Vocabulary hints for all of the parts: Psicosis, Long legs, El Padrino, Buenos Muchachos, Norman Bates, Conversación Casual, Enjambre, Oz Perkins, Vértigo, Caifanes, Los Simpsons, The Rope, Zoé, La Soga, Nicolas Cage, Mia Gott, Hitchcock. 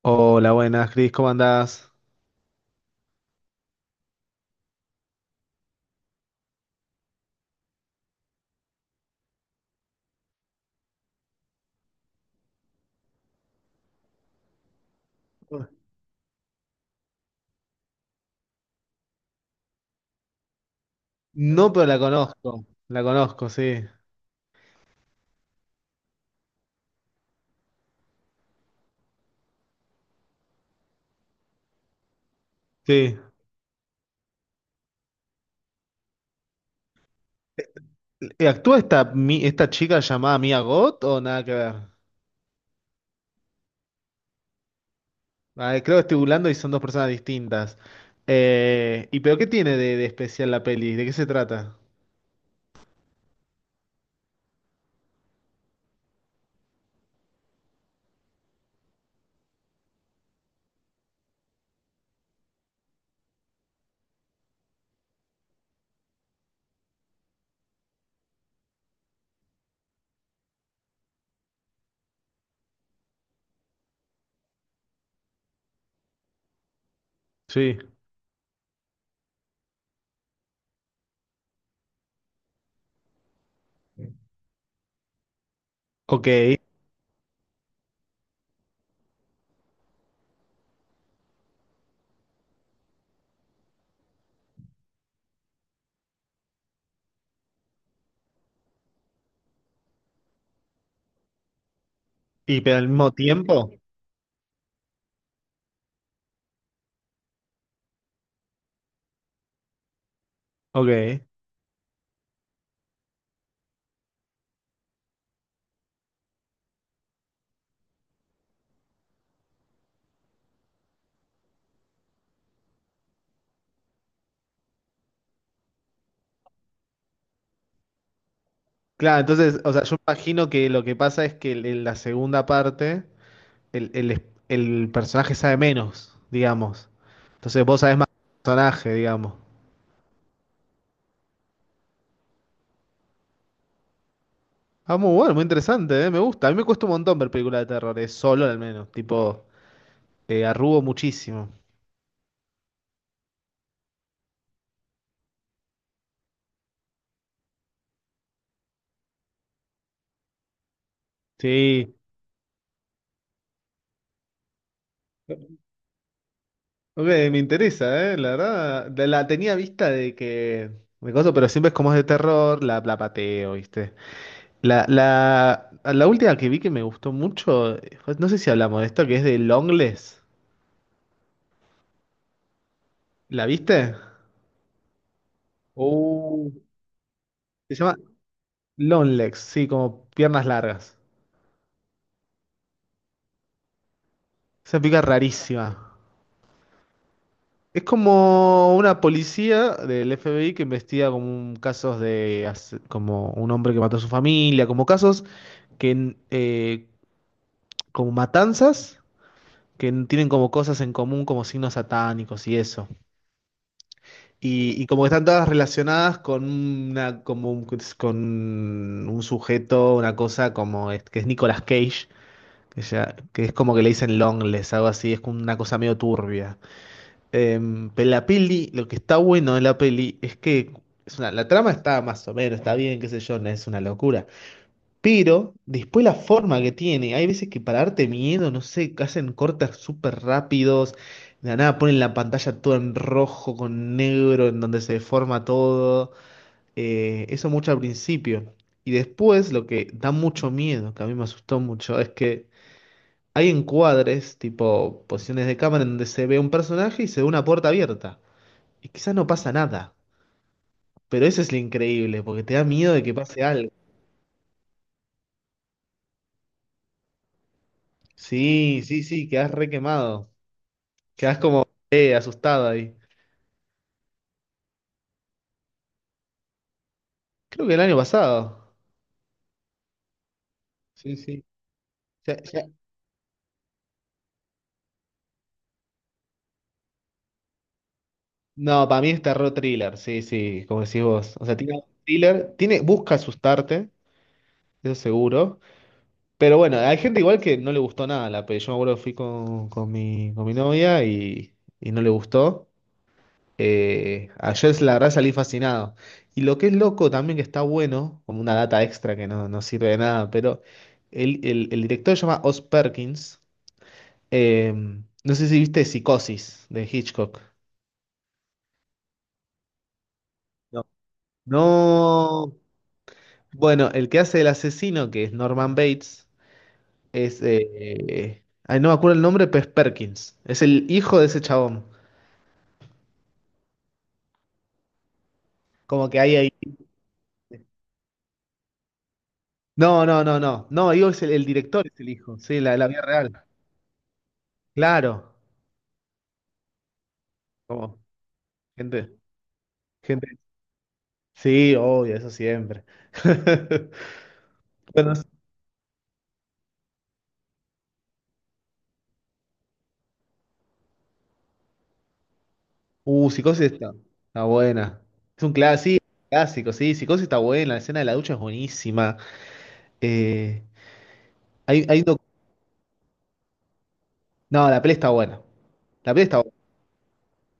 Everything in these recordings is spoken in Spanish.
Hola, buenas, Cris, ¿cómo andás? No, pero la conozco, sí. Sí. ¿Actúa esta, esta chica llamada Mia Gott o nada que ver? Ah, creo que estoy burlando y son dos personas distintas. ¿y pero qué tiene de especial la peli? ¿De qué se trata? Sí. Ok. ¿Y pero al mismo tiempo? Ok. Claro, entonces, o sea, yo imagino que lo que pasa es que en la segunda parte. el, el- el personaje sabe menos, digamos. Entonces vos sabés más del personaje, digamos. Ah, muy bueno, muy interesante, ¿eh? Me gusta. A mí me cuesta un montón ver películas de terror, es solo al menos. Tipo, arrugo muchísimo. Sí. Ok, me interesa, ¿eh? La verdad, la tenía vista de que Me coso, pero siempre es como es de terror, la pateo, ¿viste? La última que vi que me gustó mucho, no sé si hablamos de esto, que es de longlegs. ¿La viste? Uh, Se llama Long legs, sí, como piernas largas. Esa pica rarísima. Es como una policía del FBI que investiga casos de como un hombre que mató a su familia, como casos que n- eh, como matanzas tienen como cosas en común, como signos satánicos y eso. Y como que están todas relacionadas con con un sujeto, una cosa que es Nicolas Cage, que es como que le dicen Longless, algo así, es como una cosa medio turbia. Pero la peli, lo que está bueno de la peli es que es una, la trama está más o menos, está bien, qué sé yo, no es una locura. Pero después la forma que tiene, hay veces que para darte miedo, no sé, hacen cortes súper rápidos, de la nada ponen la pantalla toda en rojo con negro, en donde se deforma todo. Eso mucho al principio. Y después lo que da mucho miedo, que a mí me asustó mucho, es que hay encuadres, tipo posiciones de cámara, en donde se ve un personaje y se ve una puerta abierta. Y quizás no pasa nada, pero eso es lo increíble, porque te da miedo de que pase algo. Sí, sí, sí, quedás re quemado. Quedás como asustado ahí. Creo que el año pasado. Sí, sí. Ya- ya- No, para mí está re thriller, sí, sí, como decís vos. O sea, tiene un thriller, tiene, busca asustarte, eso seguro. Pero bueno, hay gente igual que no le gustó nada la peli. Yo me acuerdo que fui con mi novia y no le gustó. Ayer la verdad salí fascinado. Y lo que es loco también que está bueno, como una data extra que no sirve de nada, pero el director se llama Oz Perkins. Eh, no sé si viste Psicosis de Hitchcock. No. No. Bueno, el que hace el asesino, que es Norman Bates, es... ay, no me acuerdo el nombre, pero es Perkins. Es el hijo de ese chabón. Como que hay ahí... No, no, no, no. No, digo, es el director es el hijo. Sí, la vida real. Claro. Como gente, gente, sí, obvio, eso siempre. Bueno, es- uh, Psicosis está, está buena. Es un clásico, clásico, sí, Psicosis está buena, la escena de la ducha es buenísima. Eh, hay, hay un doc- no, la peli está buena. La peli está buena.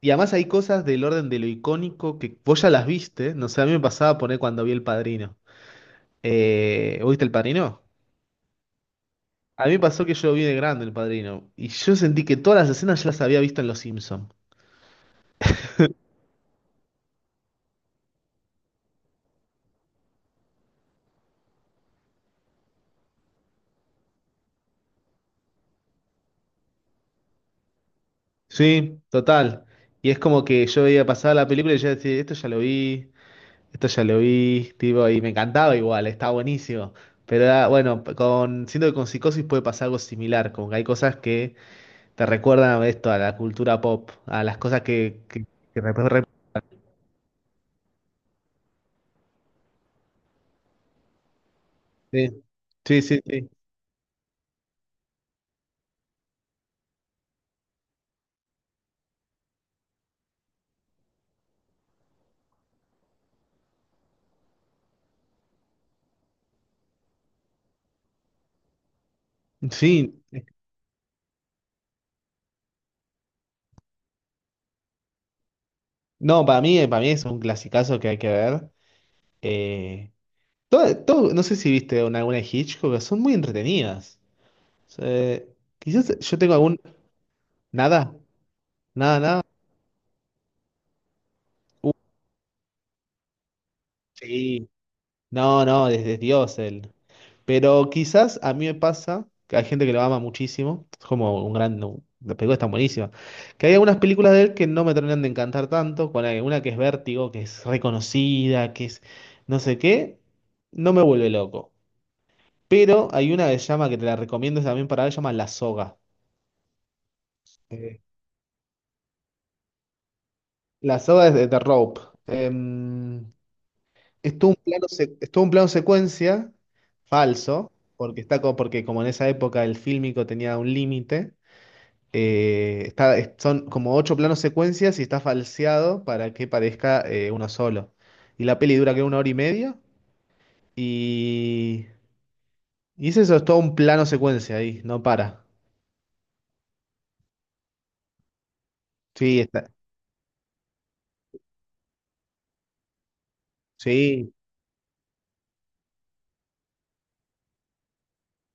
Y además hay cosas del orden de lo icónico que vos ya las viste, no sé, a mí me pasaba poner cuando vi El Padrino. ¿Vos viste El Padrino? A mí me pasó que yo vi de grande El Padrino y yo sentí que todas las escenas ya las había visto en Los Simpsons. Sí, total. Y es como que yo veía pasar la película y yo decía, esto ya lo vi, esto ya lo vi, tipo, y me encantaba igual, estaba buenísimo. Bueno, con, siento que con Psicosis puede pasar algo similar, como que hay cosas que te recuerdan a esto, a la cultura pop, a las cosas que rep- rep- Sí, sí, sí. Sí, sí. No, para mí es un clasicazo que hay que ver. Eh, no sé si viste una, alguna de Hitchcock, pero son muy entretenidas. O sea, quizás yo tengo algún... Nada, nada, nada. Uh, Sí. No, no, desde Dios él. Pero quizás a mí me pasa que hay gente que lo ama muchísimo. Es como un gran. Las películas están buenísimas. Que hay algunas películas de él que no me terminan de encantar tanto. Con una que es Vértigo, que es reconocida, que es no sé qué. No me vuelve loco. Pero hay una que se llama, que te la recomiendo también para ver, se llama La Soga. Eh, La Soga es de The Rope. Em, Es todo un plano, es todo un plano secuencia falso, porque está como, porque como en esa época el fílmico tenía un límite, son como 8 planos secuencias y está falseado para que parezca uno solo. Y la peli dura que 1 hora y media y, y es eso, es todo un plano secuencia ahí, no para. Sí, está, sí.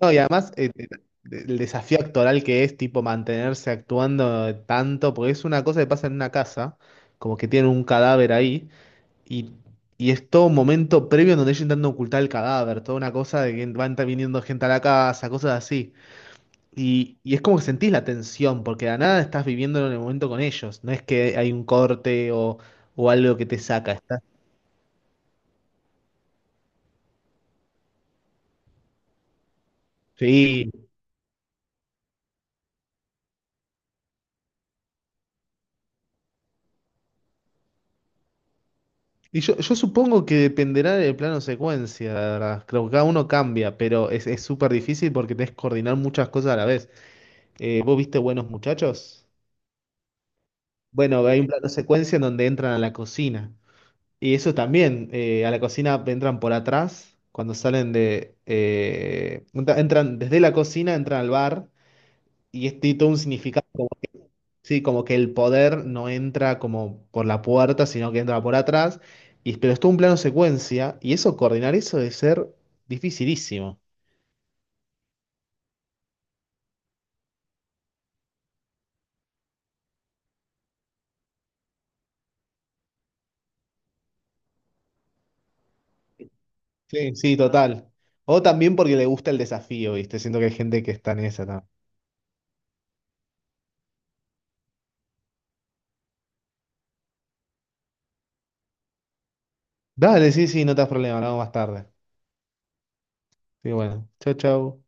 No, y además el desafío actoral que es tipo mantenerse actuando tanto, porque es una cosa que pasa en una casa como que tienen un cadáver ahí. Y, y es todo un momento previo en donde ellos intentan ocultar el cadáver, toda una cosa de que van viniendo gente a la casa, cosas así. Y es como que sentís la tensión, porque de la nada estás viviéndolo en el momento con ellos. No es que hay un corte o algo que te saca. Estás... Sí. Yo supongo que dependerá del plano secuencia, la verdad. Creo que cada uno cambia, pero es súper difícil porque tenés que coordinar muchas cosas a la vez. ¿vos viste Buenos Muchachos? Bueno, hay un plano secuencia en donde entran a la cocina. Y eso también, a la cocina entran por atrás, cuando salen de... entra- entran desde la cocina, entran al bar, y es tiene todo un significado, sí, como que el poder no entra como por la puerta, sino que entra por atrás, pero es todo un plano secuencia, y eso, coordinar eso debe ser dificilísimo. Sí, sí, total. O también porque le gusta el desafío, ¿viste? Siento que hay gente que está en esa también. Dale, sí, sí, no te das problema, hablamos más tarde. Sí, bueno, chau, chau.